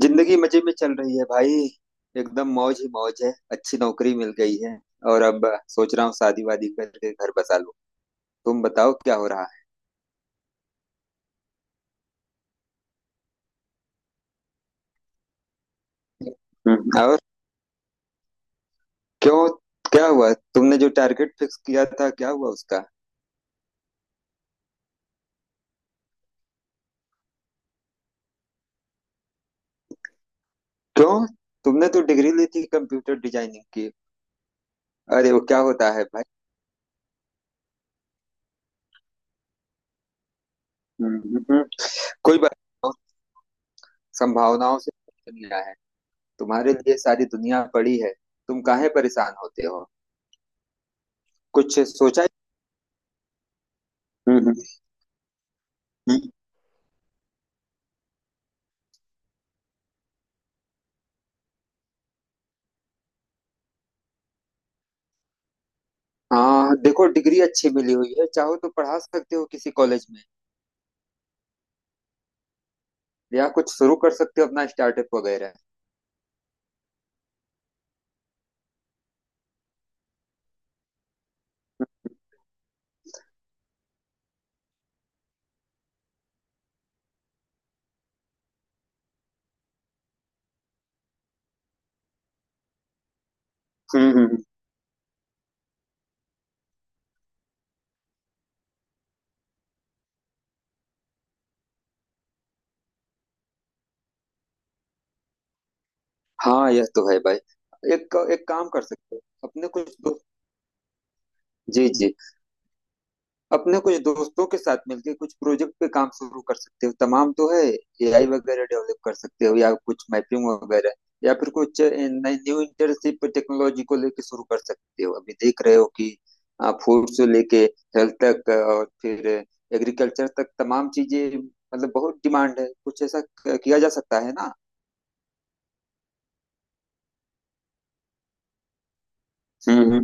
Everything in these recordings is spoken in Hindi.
जिंदगी मजे में चल रही है भाई। एकदम मौज ही मौज है। अच्छी नौकरी मिल गई है। और अब सोच रहा हूँ शादी वादी करके घर बसा लूं। तुम बताओ क्या हो रहा है। हम्म। और क्यों? क्या हुआ तुमने जो टारगेट फिक्स किया था, क्या हुआ उसका? क्यों? तुमने तो डिग्री ली थी कंप्यूटर डिजाइनिंग की। अरे वो क्या होता है भाई? हम्म। हम्म। कोई बात नहीं। संभावनाओं से दुनिया है। तुम्हारे लिए सारी दुनिया पड़ी है। तुम काहे परेशान होते हो? कुछ सोचा है? हम्म। हम्म। हाँ देखो, डिग्री अच्छी मिली हुई है। चाहो तो पढ़ा सकते हो किसी कॉलेज में, या कुछ शुरू कर सकते हो अपना स्टार्टअप वगैरह। हम्म। हम्म। हाँ यह तो है भाई। एक एक काम कर सकते हो अपने कुछ दोस्त। जी जी। अपने कुछ दोस्तों के साथ मिलके कुछ प्रोजेक्ट पे काम शुरू कर सकते हो, तमाम तो है। एआई वगैरह डेवलप कर सकते हो या कुछ मैपिंग वगैरह। या फिर कुछ नई न्यू इंटर्नशिप टेक्नोलॉजी को लेके शुरू कर सकते हो। अभी देख रहे हो कि फूड से लेके हेल्थ तक और फिर एग्रीकल्चर तक तमाम चीजें। मतलब बहुत डिमांड है। कुछ ऐसा किया जा सकता है। ना।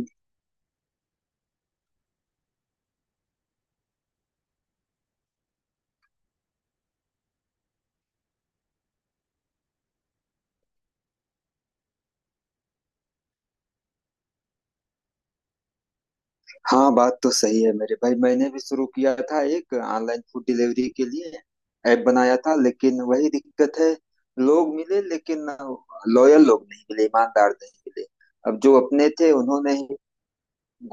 हाँ बात तो सही है मेरे भाई। मैंने भी शुरू किया था एक ऑनलाइन फूड डिलीवरी के लिए ऐप बनाया था, लेकिन वही दिक्कत है। लोग मिले, लेकिन लॉयल लोग नहीं मिले, ईमानदार नहीं मिले। अब जो अपने थे उन्होंने ही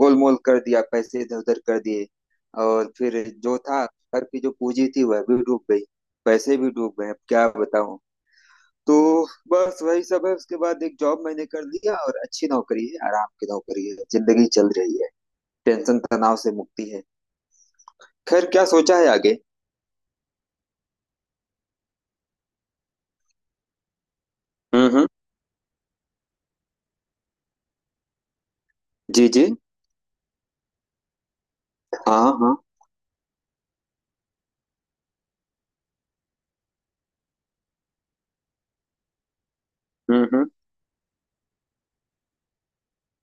गोलमोल कर दिया, पैसे इधर उधर कर दिए। और फिर जो था, घर की जो पूंजी थी वह भी डूब गई, पैसे भी डूब गए। अब क्या बताऊं। तो बस वही सब है। उसके बाद एक जॉब मैंने कर लिया, और अच्छी नौकरी है, आराम की नौकरी है, जिंदगी चल रही है। टेंशन तनाव से मुक्ति है। खैर, क्या सोचा है आगे? हम्म। जी जी। हाँ हाँ। हम्म।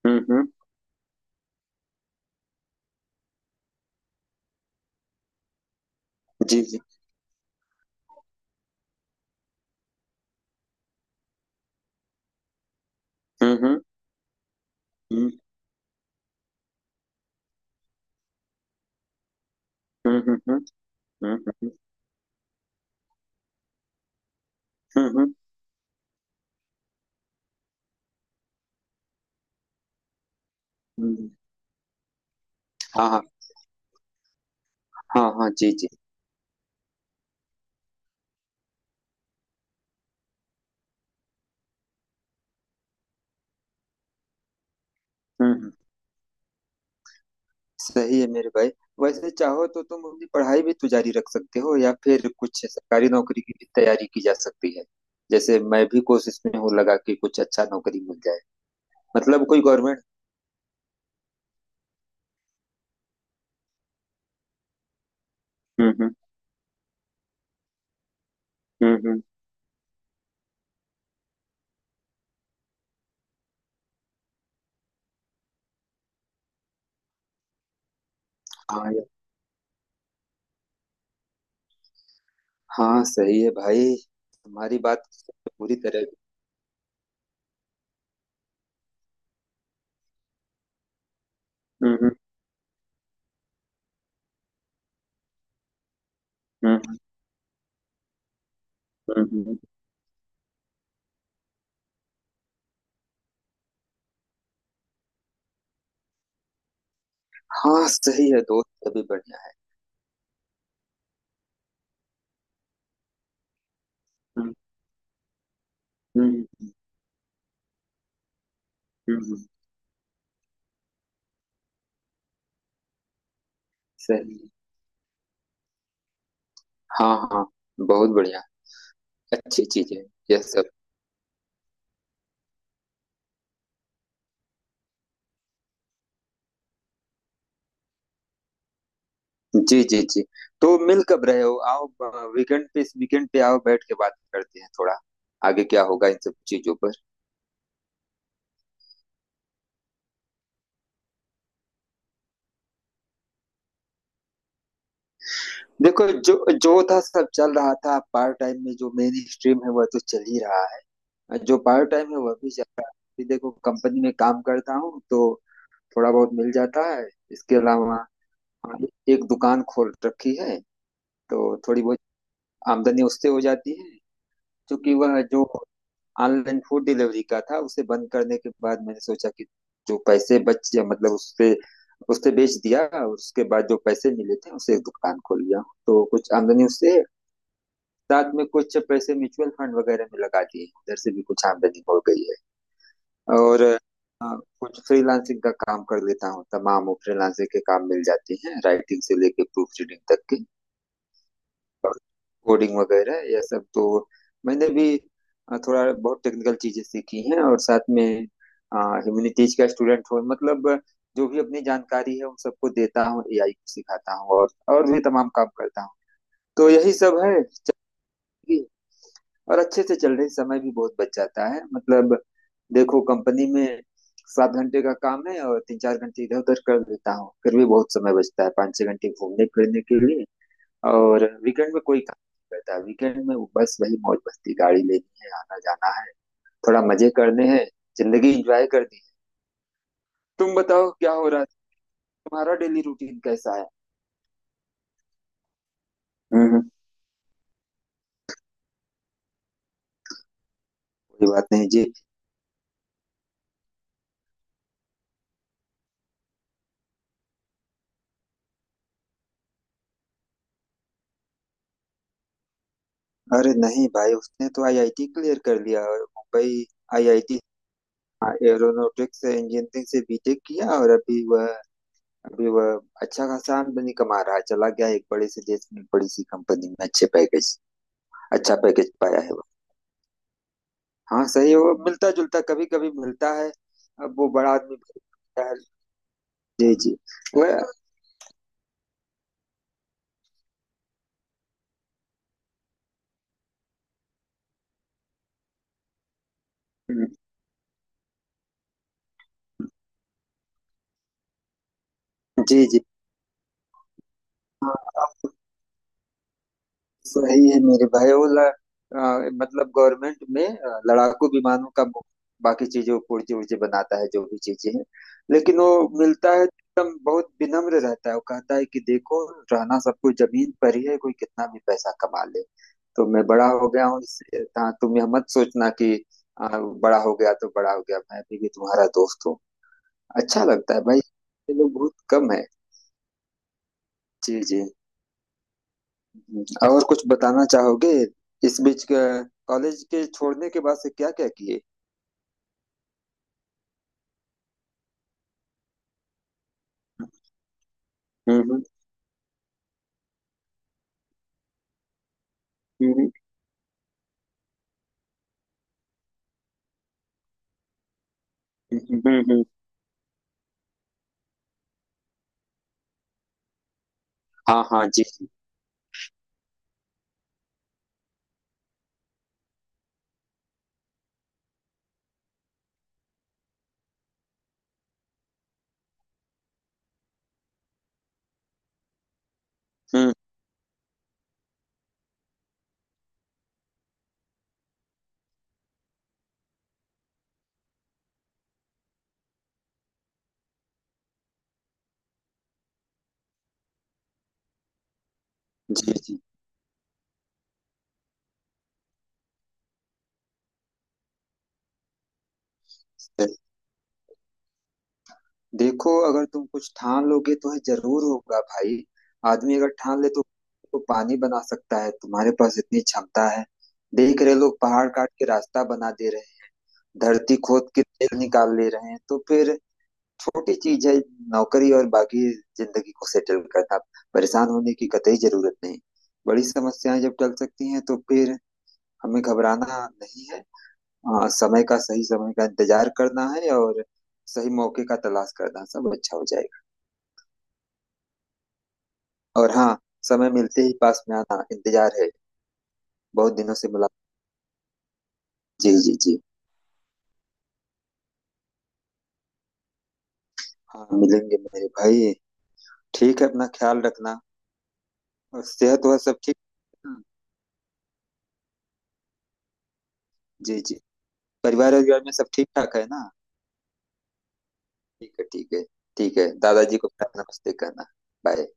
हम्म। जी जी। हम्म। हम्म। हम्म। हम्म। हम्म। हाँ हाँ। हाँ हाँ। जी जी। हम्म। सही है मेरे भाई। वैसे चाहो तो तुम अपनी पढ़ाई भी तो जारी रख सकते हो, या फिर कुछ सरकारी नौकरी की भी तैयारी की जा सकती है। जैसे मैं भी कोशिश में हूँ, लगा कि कुछ अच्छा नौकरी मिल जाए। मतलब कोई गवर्नमेंट। हम्म। हम्म। हाँ यार। हाँ सही है भाई। तुम्हारी बात पूरी तरह। हम्म। हम्म। हम्म। हाँ सही है दोस्त। अभी बढ़िया है। हम्म। हम्म। हम्म। सही है। हाँ हाँ। बहुत बढ़िया। अच्छी चीज है यह सब। जी जी जी। तो मिल कब रहे हो? आओ। वीकेंड पे, इस वीकेंड पे आओ, बैठ के बात करते हैं थोड़ा, आगे क्या होगा इन सब चीजों पर। देखो, जो जो था सब चल रहा था। पार्ट टाइम में, जो मेन स्ट्रीम है वह तो चल ही रहा है, जो पार्ट टाइम है वह भी चल रहा है। अभी देखो, कंपनी में काम करता हूँ तो थोड़ा बहुत मिल जाता है। इसके अलावा, हाँ, एक दुकान खोल रखी है, तो थोड़ी बहुत आमदनी उससे हो जाती है। क्योंकि वह जो ऑनलाइन फूड डिलीवरी का था, उसे बंद करने के बाद मैंने सोचा कि जो पैसे बच गया मतलब उससे उससे बेच दिया, और उसके बाद जो पैसे मिले थे उसे एक दुकान खोल लिया। तो कुछ आमदनी उससे। साथ में कुछ पैसे म्यूचुअल फंड वगैरह में लगा दिए, उधर से भी कुछ आमदनी हो गई है। और हाँ, कुछ फ्रीलांसिंग का काम कर लेता हूँ, तमाम वो फ्रीलांसिंग के काम मिल जाते हैं, राइटिंग से लेके प्रूफ रीडिंग तक के। और कोडिंग वगैरह यह सब तो मैंने भी थोड़ा बहुत टेक्निकल चीजें सीखी हैं, और साथ में ह्यूमैनिटीज का स्टूडेंट हूँ, मतलब जो भी अपनी जानकारी है उन सबको देता हूँ, एआई को सिखाता हूँ, और भी तमाम काम करता हूँ। तो यही सब है। कि- और अच्छे से चल रही, समय भी बहुत बच जाता है। मतलब देखो, कंपनी में 7 घंटे का काम है, और 3-4 घंटे इधर उधर कर देता हूँ, फिर भी बहुत समय बचता है, 5-6 घंटे घूमने फिरने के लिए। और वीकेंड में कोई काम नहीं करता, वीकेंड में वो बस वही मौज मस्ती, गाड़ी लेनी है, आना जाना है, थोड़ा मजे करने हैं, जिंदगी एंजॉय करनी है। तुम बताओ क्या हो रहा है? तुम्हारा डेली रूटीन कैसा है? हम्म। कोई बात नहीं जी। अरे नहीं भाई, उसने तो आईआईटी क्लियर कर लिया, और मुंबई आईआईटी एरोनॉटिक्स इंजीनियरिंग से बीटेक किया। और अभी वह अच्छा खासा आमदनी कमा रहा है, चला गया एक बड़े से देश में एक बड़ी सी कंपनी में, अच्छे पैकेज अच्छा पैकेज पाया है। हाँ सही है। वो मिलता जुलता, कभी कभी मिलता है। अब वो बड़ा आदमी भी, मिलता है। जी जी। वह। जी जी। हाँ सही है मेरे भाई। वो मतलब गवर्नमेंट में लड़ाकू विमानों का बाकी चीजों पुर्जे उर्जे बनाता है, जो भी चीजें हैं। लेकिन वो मिलता है, एकदम बहुत विनम्र रहता है। वो कहता है कि देखो, रहना सब कुछ जमीन पर ही है, कोई कितना भी पैसा कमा ले। तो मैं बड़ा हो गया हूँ हाँ तुम यह मत सोचना कि बड़ा हो गया तो बड़ा हो गया, मैं अभी भी तुम्हारा दोस्त हूँ। अच्छा लगता है भाई, ये लोग बहुत कम है। जी जी। और कुछ बताना चाहोगे? इस बीच कॉलेज के छोड़ने के बाद से क्या क्या किए? हम्म हम्म। हम्म। हम्म। हम्म। हाँ हाँ। जी जी। हम्म। जी जी। सही। देखो, अगर तुम कुछ ठान लोगे तो ये जरूर होगा भाई। आदमी अगर ठान ले, तो पानी बना सकता है। तुम्हारे पास इतनी क्षमता है। देख रहे, लोग पहाड़ काट के रास्ता बना दे रहे हैं, धरती खोद के तेल निकाल ले रहे हैं। तो फिर छोटी चीज है, नौकरी और बाकी जिंदगी को सेटल करना। परेशान होने की कतई जरूरत नहीं। बड़ी समस्याएं जब टल सकती हैं, तो फिर हमें घबराना नहीं है। हाँ, समय का सही समय का इंतजार करना है, और सही मौके का तलाश करना, सब अच्छा हो जाएगा। और हाँ, समय मिलते ही पास में आना, इंतजार है। बहुत दिनों से मुलाकात। जी जी जी। हाँ मिलेंगे मेरे भाई। ठीक है, अपना ख्याल रखना। और सेहत वह सब ठीक। हम्म। जी जी। परिवार और घर में सब ठीक ठाक है ना? ठीक है, ठीक है। ठीक है, दादाजी को नमस्ते कहना। बाय।